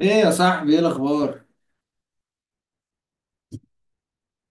ايه يا صاحبي؟ ايه الاخبار؟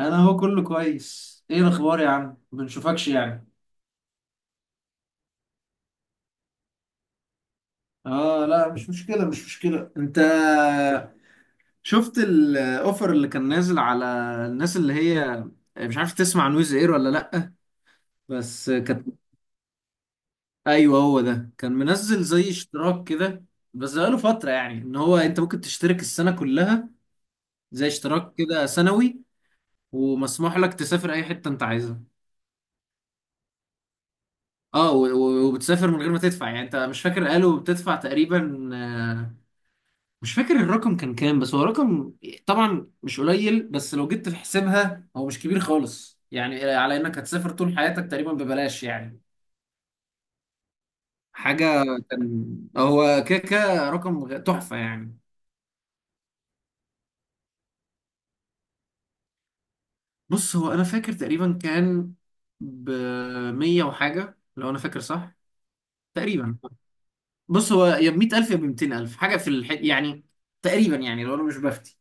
انا هو كله كويس. ايه الاخبار يا عم؟ ما بنشوفكش يعني. اه لا، مش مشكله انت شفت الاوفر اللي كان نازل على الناس اللي هي، مش عارف تسمع نويز اير ولا لا. بس كانت، ايوه هو ده كان منزل زي اشتراك كده، بس بقاله فتره يعني ان هو انت ممكن تشترك السنه كلها، زي اشتراك كده سنوي، ومسموح لك تسافر اي حته انت عايزها. اه وبتسافر من غير ما تدفع يعني. انت مش فاكر قالوا بتدفع تقريبا مش فاكر الرقم كان كام، بس هو رقم طبعا مش قليل، بس لو جيت في حسابها هو مش كبير خالص، يعني على انك هتسافر طول حياتك تقريبا ببلاش يعني. حاجة كان، هو كده كده رقم تحفة يعني. بص هو انا فاكر تقريبا كان ب 100 وحاجة، لو انا فاكر صح تقريبا. بص هو يا ب 100000 يا ب 200000 حاجة في يعني، تقريبا يعني، لو انا مش بفتي.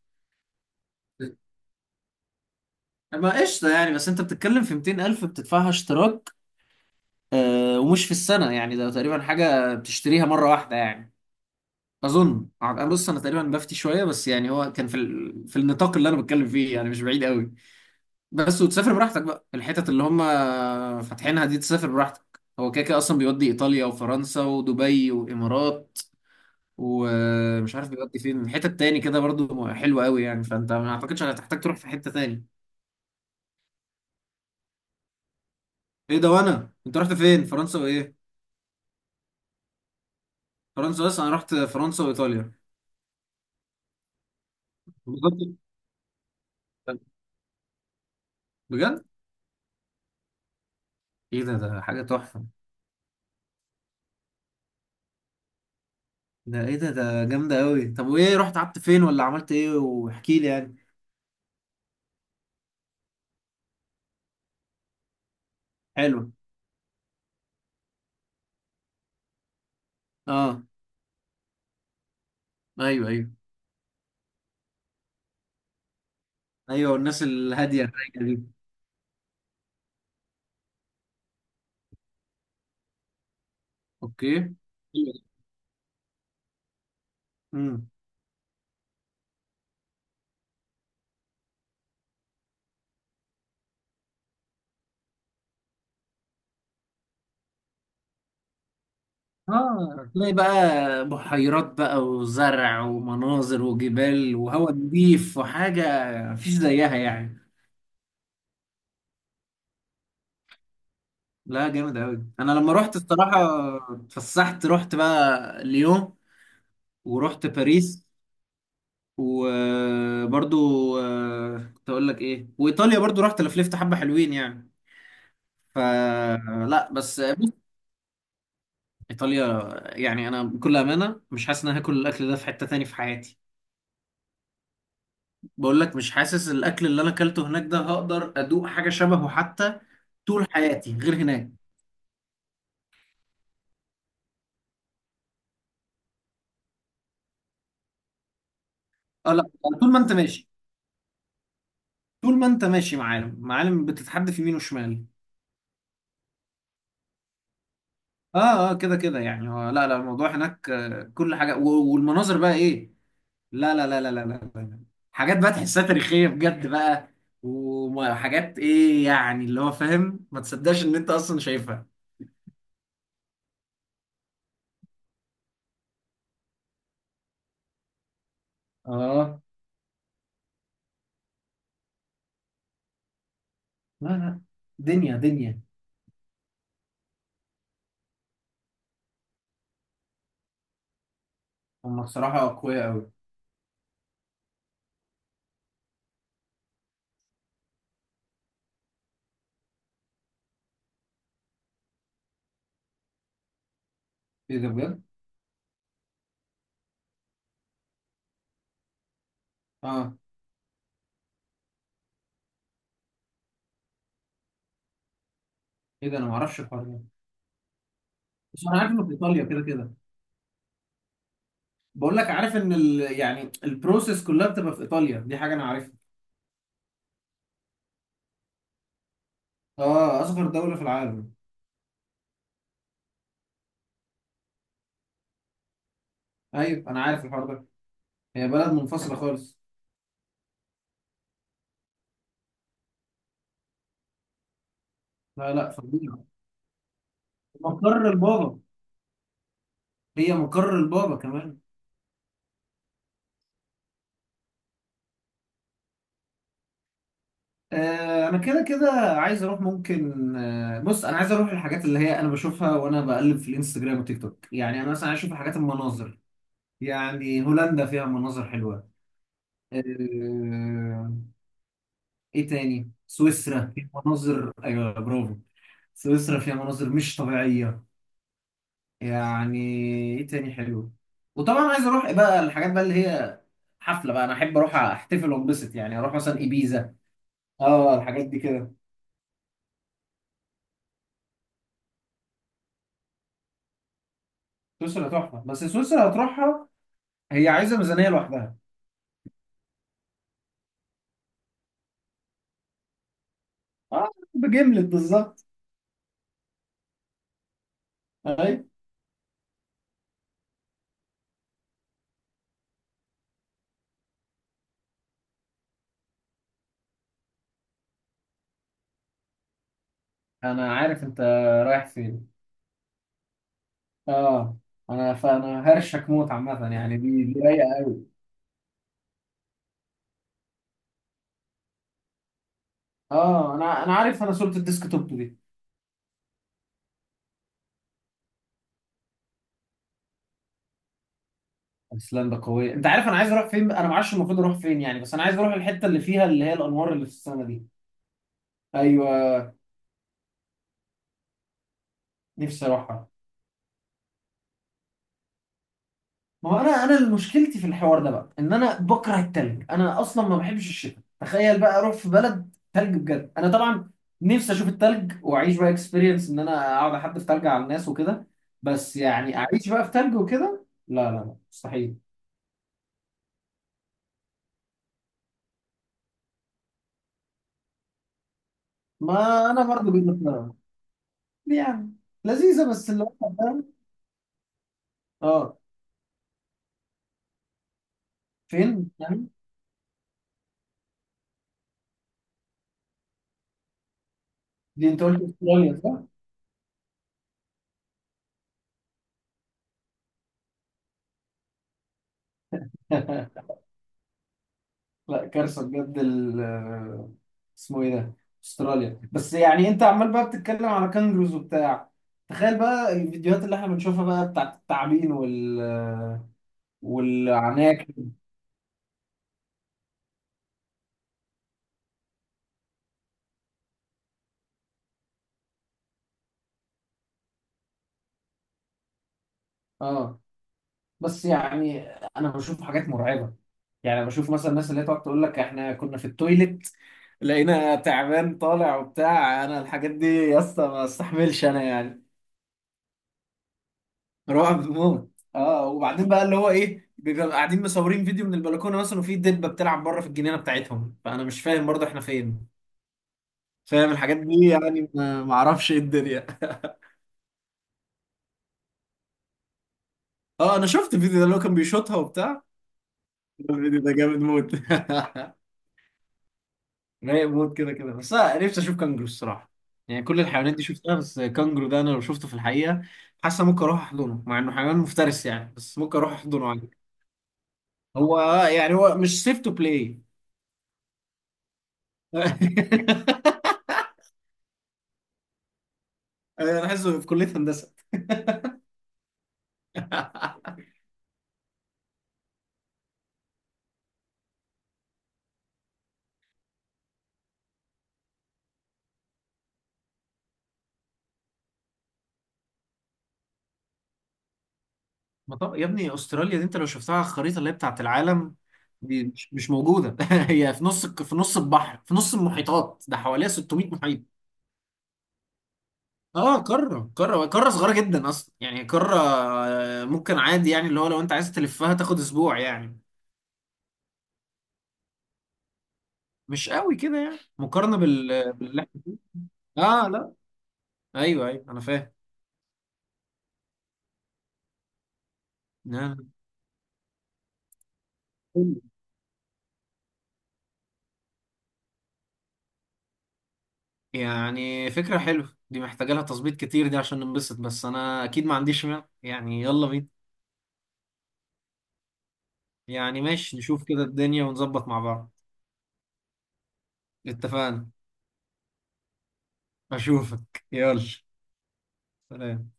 ما قشطة يعني، بس انت بتتكلم في 200 ألف بتدفعها اشتراك. آه، ومش في السنة يعني، ده تقريبا حاجة بتشتريها مرة واحدة يعني. أظن أنا، بص أنا تقريبا بفتي شوية، بس يعني هو كان في في النطاق اللي أنا بتكلم فيه يعني، مش بعيد قوي. بس وتسافر براحتك بقى الحتت اللي هم فاتحينها دي، تسافر براحتك. هو كده كده أصلا بيودي إيطاليا وفرنسا ودبي وإمارات، ومش عارف بيودي فين حتت تاني كده برضو حلوة قوي يعني. فأنت ما أعتقدش هتحتاج تروح في حتة تاني. إيه ده؟ وأنا أنت رحت فين؟ فرنسا وإيه؟ فرنسا بس؟ انا رحت فرنسا وايطاليا. بجد. بجد؟ ايه ده؟ ده حاجه تحفه. ده ايه ده؟ ده جامده قوي. طب وايه، رحت قعدت فين، ولا عملت ايه؟ واحكي لي يعني. حلو. اه، ايوه ايوه. ايوه، والناس الهاديه الرايقه دي. اوكي. امم. اه، تلاقي بقى بحيرات بقى وزرع ومناظر وجبال وهواء نظيف وحاجه مفيش زيها يعني. لا، جامد قوي. انا لما رحت الصراحه اتفسحت، رحت بقى ليون، ورحت باريس، وبرضو، كنت اقول لك ايه، وايطاليا برضو رحت لفلفت حبه حلوين يعني. فلا بس بص، ايطاليا، يعني انا بكل امانه مش حاسس ان أنا هاكل الاكل ده في حته تاني في حياتي. بقول لك مش حاسس الاكل اللي انا اكلته هناك ده هقدر ادوق حاجه شبهه حتى طول حياتي غير هناك. اه لا، طول ما انت ماشي، طول ما انت ماشي معالم، معالم بتتحدف يمين وشمال. اه اه، كده كده يعني، هو- لا لا الموضوع هناك، كل حاجه والمناظر بقى ايه، لا لا لا لا لا لا لا. حاجات بقى تحسها تاريخية بجد بقى، وحاجات ايه يعني، اللي هو فاهم، ما تصدقش ان انت اصلا شايفها. اه لا لا، دنيا دنيا. هم بصراحة أقوياء أوي. إيه ده؟ بجد؟ آه. إيه ده؟ أنا معرفش الحوار ده. بس أنا عارف إنه في إيطاليا كده كده. بقول لك عارف إن يعني البروسيس كلها بتبقى في إيطاليا، دي حاجة أنا عارفها. آه، أصغر دولة في العالم. أيوه، أنا عارف الحوار ده. هي بلد منفصلة خالص. لا لا، فظيعة. مقر البابا. هي مقر البابا كمان. انا كده كده عايز اروح، ممكن، بص انا عايز اروح الحاجات اللي هي انا بشوفها وانا بقلب في الانستجرام والتيك توك، يعني انا مثلا عايز اشوف الحاجات، المناظر. يعني هولندا فيها مناظر حلوه. آه، ايه تاني؟ سويسرا فيها مناظر، ايوه، برافو. سويسرا فيها مناظر مش طبيعيه يعني. ايه تاني حلو؟ وطبعا عايز اروح بقى الحاجات بقى اللي هي حفله بقى، انا احب اروح احتفل وانبسط يعني، اروح مثلا ايبيزا. اه، الحاجات دي كده. سويسرا تحفه، بس سويسرا هتروحها، هي عايزه ميزانيه لوحدها. اه، بجملت بالظبط. اي. انا عارف انت رايح فين. اه، انا فانا هرشك موت عامه يعني، دي رايقه أوي. اه، انا انا عارف، انا صوره الديسك توب دي. ايسلندا قويه. انت عارف انا عايز اروح فين؟ انا ما اعرفش المفروض اروح فين يعني، بس انا عايز اروح الحته اللي فيها اللي هي الانوار اللي في السماء دي. ايوه، نفسي اروحها. ما هو انا، اللي مشكلتي في الحوار ده بقى ان انا بكره التلج، انا اصلا ما بحبش الشتاء، تخيل بقى اروح في بلد تلج؟ بجد انا طبعا نفسي اشوف التلج واعيش بقى اكسبيرينس ان انا اقعد احدف تلج على الناس وكده، بس يعني اعيش بقى في تلج وكده، لا لا لا، مستحيل. ما انا برضه جيت لك يعني. لذيذه بس اللي هو، فاهم؟ اه. فين يعني؟ دي انت قلت استراليا. صح. لا كارثه بجد، ال، اسمه ايه ده، استراليا، بس يعني انت عمال بقى بتتكلم على كانجروز وبتاع. تخيل بقى الفيديوهات اللي احنا بنشوفها بقى بتاعت التعابين والعناكب. اه، بس يعني انا بشوف حاجات مرعبه. يعني بشوف مثلا الناس اللي هي تقعد تقول لك احنا كنا في التويليت، لقينا تعبان طالع وبتاع. انا الحاجات دي يا اسطى ما استحملش انا يعني. رعب موت. اه وبعدين بقى اللي هو ايه، بيبقى قاعدين مصورين فيديو من البلكونه مثلا، وفي دبه بتلعب بره في الجنينه بتاعتهم، فانا مش فاهم برضه احنا فين، فاهم الحاجات دي يعني، ما اعرفش ايه الدنيا. اه، انا شفت الفيديو ده اللي هو كان بيشوطها وبتاع. الفيديو ده جامد موت. رايق موت كده كده. بس انا نفسي اشوف كانجرو الصراحه. يعني كل الحيوانات دي شفتها، بس كانجرو ده انا لو شفته في الحقيقه، حاسه ممكن اروح احضنه، مع انه حيوان مفترس يعني، بس ممكن اروح احضنه عادي. هو، يعني هو مش سيف تو بلاي. انا عايزه في كليه هندسه. ما طب... يا ابني استراليا دي انت لو شفتها على الخريطه اللي هي بتاعت العالم، دي مش موجوده. هي في نص في نص البحر، في نص المحيطات، ده حواليها 600 محيط. اه، قاره، قاره قاره صغيره جدا اصلا يعني قاره. ممكن عادي يعني اللي هو لو انت عايز تلفها تاخد اسبوع يعني، مش قوي كده يعني مقارنه باللي احنا فيه. اه لا. ايوه ايوه، انا فاهم. لا. لا. يعني فكره حلوه، دي محتاجه لها تظبيط كتير دي عشان ننبسط، بس انا اكيد ما عنديش مانع يعني، يلا بينا. يعني ماشي، نشوف كده الدنيا ونظبط مع بعض. اتفقنا. اشوفك، يلا. سلام.